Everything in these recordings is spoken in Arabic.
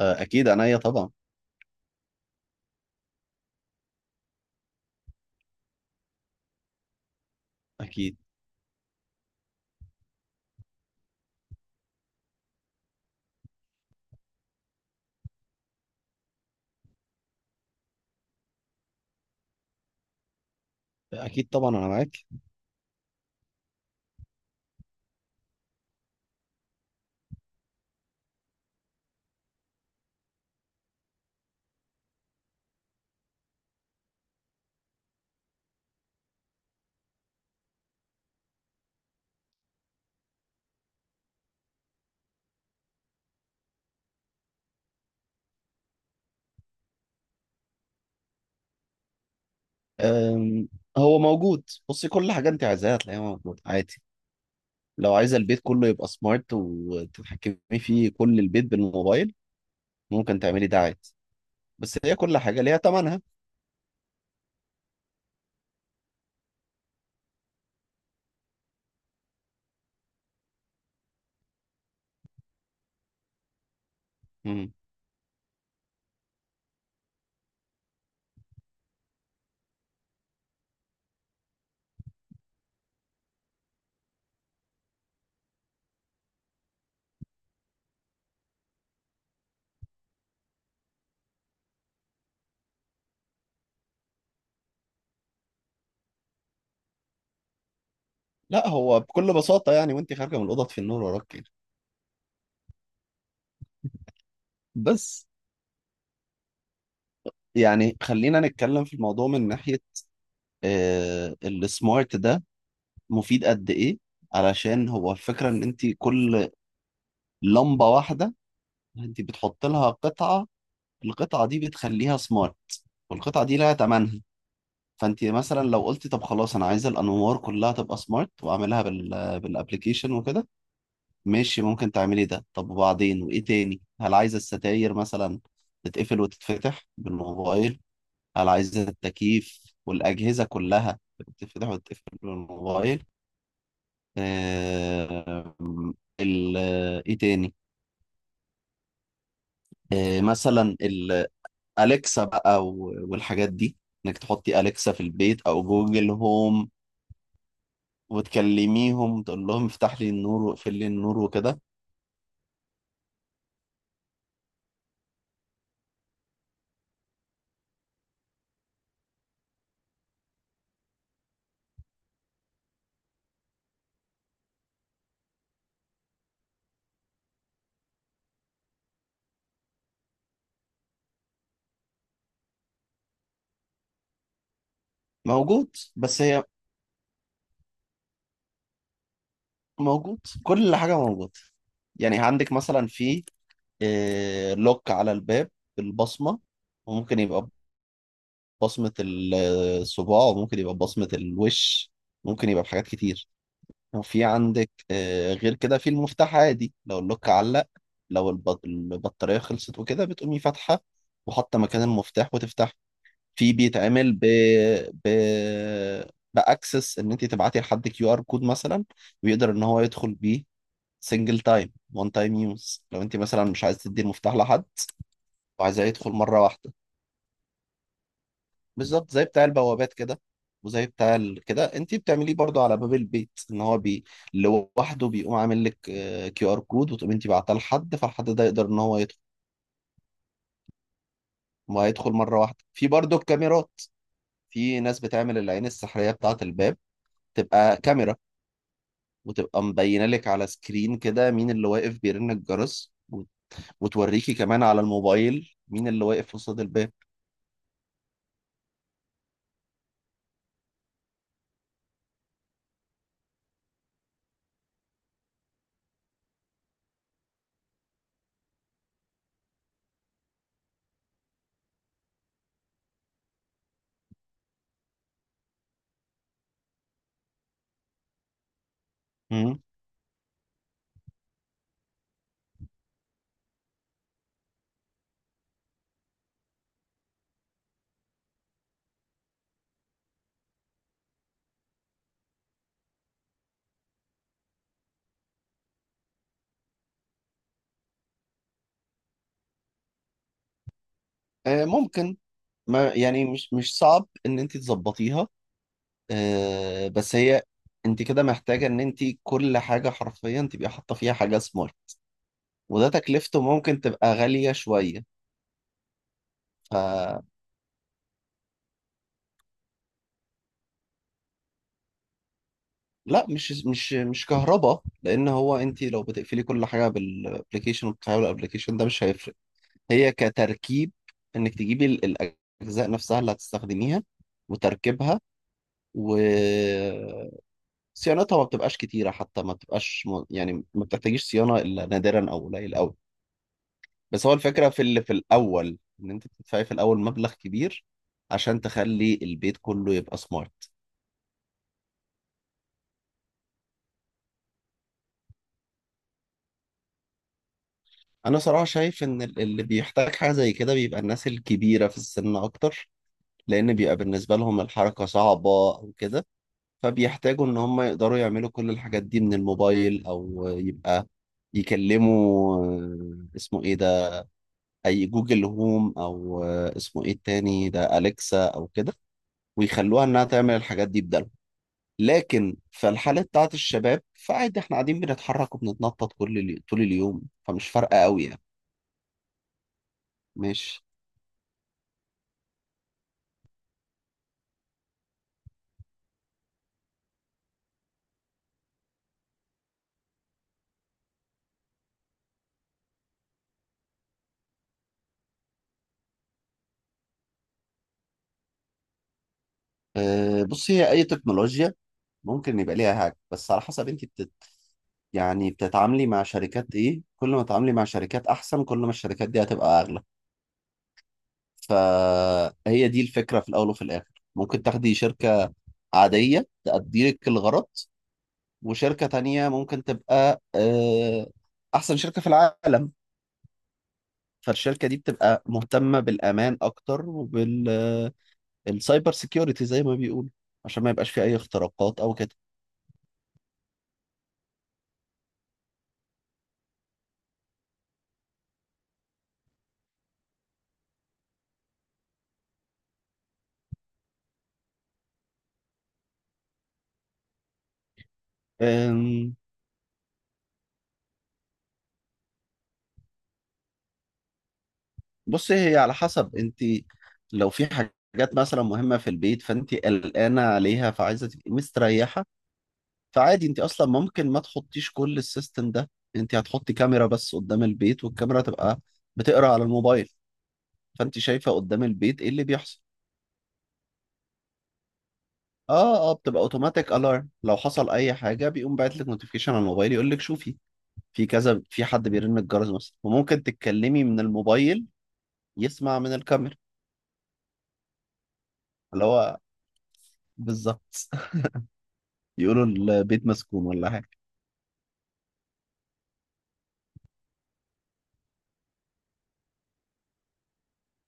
اكيد عينيا طبعا. اكيد. اكيد طبعا انا معاك. أم، هو موجود. بصي، كل حاجه انت عايزاها هتلاقيها موجود عادي. لو عايزه البيت كله يبقى سمارت وتتحكمي فيه كل البيت بالموبايل، ممكن تعملي ده عادي. بس هي كل حاجه ليها ثمنها. مم. لا، هو بكل بساطه يعني وانت خارجه من الاوضه في النور وراك كده. بس يعني خلينا نتكلم في الموضوع من ناحيه، السمارت ده مفيد قد ايه؟ علشان هو الفكره ان انت كل لمبه واحده انت بتحط لها قطعة، القطعة دي بتخليها سمارت، والقطعة دي لها تمنها. فانت مثلا لو قلتي طب خلاص انا عايزة الانوار كلها تبقى سمارت واعملها بالابليكيشن وكده، ماشي ممكن تعملي ده. طب وبعدين، وايه تاني؟ هل عايزة الستاير مثلا تتقفل وتتفتح بالموبايل؟ هل عايزة التكييف والأجهزة كلها تتفتح وتتقفل بالموبايل؟ آه... ال... ايه تاني؟ مثلا أليكسا بقى والحاجات دي، إنك تحطي أليكسا في البيت أو جوجل هوم وتكلميهم تقول لهم افتح لي النور واقفل لي النور وكده. موجود، بس هي موجود، كل حاجة موجود. يعني عندك مثلا في لوك على الباب بالبصمة، وممكن يبقى بصمة الصباع وممكن يبقى بصمة الوش، ممكن يبقى بحاجات كتير. في عندك غير كده في المفتاح عادي لو اللوك علق، لو البطارية خلصت وكده بتقومي فاتحة وحاطة مكان المفتاح وتفتح. في بيتعمل ب باكسس ان انت تبعتي لحد كيو ار كود مثلا، ويقدر ان هو يدخل بيه، سنجل تايم وان تايم يوز، لو انت مثلا مش عايز تدي المفتاح لحد وعايزاه يدخل مرة واحدة. بالظبط زي بتاع البوابات كده. وزي بتاع كده انت بتعمليه برضو على باب البيت ان هو لوحده بيقوم عامل لك كيو ار كود، وتقوم انت بعتها لحد فالحد ده يقدر ان هو يدخل، وهيدخل مره واحده. في برضو الكاميرات، في ناس بتعمل العين السحريه بتاعه الباب تبقى كاميرا، وتبقى مبينه لك على سكرين كده مين اللي واقف بيرن الجرس، وتوريكي كمان على الموبايل مين اللي واقف قصاد الباب. مم. ممكن، ما يعني مش صعب ان انت تظبطيها. بس هي انت كده محتاجة ان انت كل حاجة حرفيا تبقي حاطة فيها حاجة سمارت، وده تكلفته ممكن تبقى غالية شوية. فلا، مش كهرباء، لان هو انت لو بتقفلي كل حاجة بالابلكيشن وبتفعلي الابلكيشن ده مش هيفرق. هي كتركيب، انك تجيبي الاجزاء نفسها اللي هتستخدميها وتركيبها و صيانتها ما بتبقاش كتيرة حتى، ما بتبقاش يعني ما بتحتاجيش صيانة إلا نادرا أو قليل أوي. بس هو الفكرة في اللي في الأول إن أنت بتدفعي في الأول مبلغ كبير عشان تخلي البيت كله يبقى سمارت. أنا صراحة شايف إن اللي بيحتاج حاجة زي كده بيبقى الناس الكبيرة في السن أكتر، لأن بيبقى بالنسبة لهم الحركة صعبة أو كده، فبيحتاجوا إن هم يقدروا يعملوا كل الحاجات دي من الموبايل، أو يبقى يكلموا اسمه إيه ده، أي جوجل هوم أو اسمه إيه التاني ده، أليكسا أو كده، ويخلوها إنها تعمل الحاجات دي. لكن في الحالة بتاعت الشباب فعادي، احنا قاعدين بنتحرك وبنتنطط كل طول اليوم فمش فارقة قوي يعني. ماشي. أه، بص، هي أي تكنولوجيا ممكن يبقى ليها هاك، بس على حسب انت يعني بتتعاملي مع شركات ايه، كل ما تتعاملي مع شركات أحسن كل ما الشركات دي هتبقى أغلى. فهي دي الفكرة. في الأول وفي الآخر ممكن تاخدي شركة عادية تأدي لك الغرض، وشركة تانية ممكن تبقى أحسن شركة في العالم، فالشركة دي بتبقى مهتمة بالأمان أكتر وبالسايبر سيكيورتي زي ما بيقولوا، عشان ما يبقاش في أي اختراقات أو كده. أم، بصي، هي على حسب أنت، لو في حاجات مثلا مهمة في البيت فأنت قلقانة عليها فعايزة تبقي مستريحة، فعادي أنت أصلا ممكن ما تحطيش كل السيستم ده. أنت هتحطي كاميرا بس قدام البيت، والكاميرا تبقى بتقرأ على الموبايل، فأنت شايفة قدام البيت إيه اللي بيحصل. اه اه، بتبقى اوتوماتيك. الارم لو حصل اي حاجه بيقوم باعت لك نوتيفيكيشن على الموبايل يقول لك شوفي، في كذا، في حد بيرن الجرس مثلا، وممكن تتكلمي من الموبايل يسمع من الكاميرا. اللي هو بالظبط. يقولوا البيت مسكون ولا حاجه.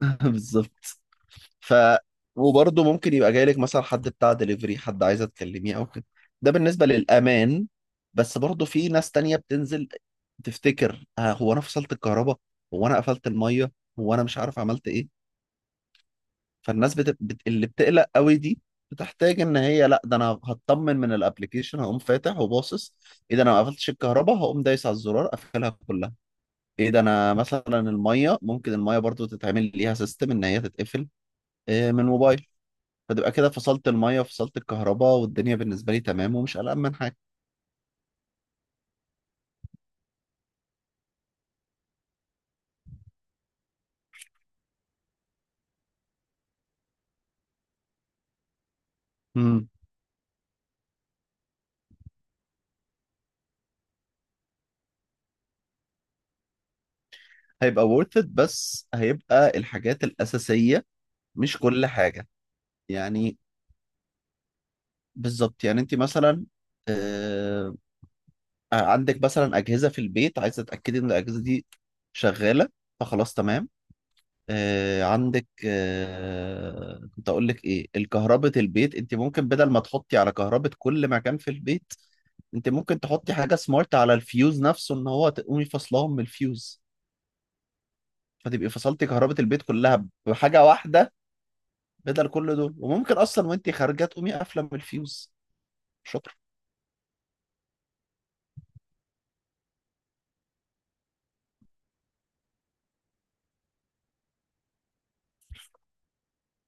بالظبط. ف وبرضه ممكن يبقى جاي لك مثلا حد بتاع دليفري، حد عايزه تكلميه او كده. ده بالنسبه للامان. بس برضه في ناس تانية بتنزل تفتكر، آه هو انا فصلت الكهرباء؟ هو انا قفلت الميه؟ هو انا مش عارف عملت ايه؟ فالناس اللي بتقلق قوي دي بتحتاج ان هي، لا ده انا هطمن من الابلكيشن، هقوم فاتح وباصص. ايه ده، انا ما قفلتش الكهرباء؟ هقوم دايس على الزرار اقفلها كلها. ايه ده، انا مثلا الميه، ممكن الميه برضو تتعمل ليها سيستم ان هي تتقفل، من موبايل. فتبقى كده فصلت الميه وفصلت الكهرباء، والدنيا بالنسبه لي تمام ومش قلقان من حاجه. امم هيبقى worth it، بس هيبقى الحاجات الاساسيه، مش كل حاجه. يعني بالظبط، يعني انت مثلا آه، عندك مثلا اجهزه في البيت عايزه تتاكدي ان الاجهزه دي شغاله، فخلاص تمام. عندك، كنت اقول لك ايه، الكهرباء البيت انت ممكن بدل ما تحطي على كهرباء كل مكان في البيت، انت ممكن تحطي حاجه سمارت على الفيوز نفسه ان هو تقومي فصلهم من الفيوز، فتبقي فصلتي كهرباء البيت كلها بحاجه واحده، بدل كل دول. وممكن اصلا وانت خارجه تقومي قافله من الفيوز. شكرا.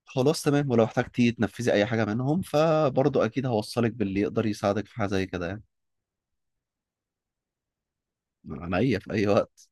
خلاص تمام، ولو احتجتي تنفذي اي حاجه منهم فبرضه اكيد هوصلك باللي يقدر يساعدك في حاجه زي كده يعني. من عينيا في اي وقت.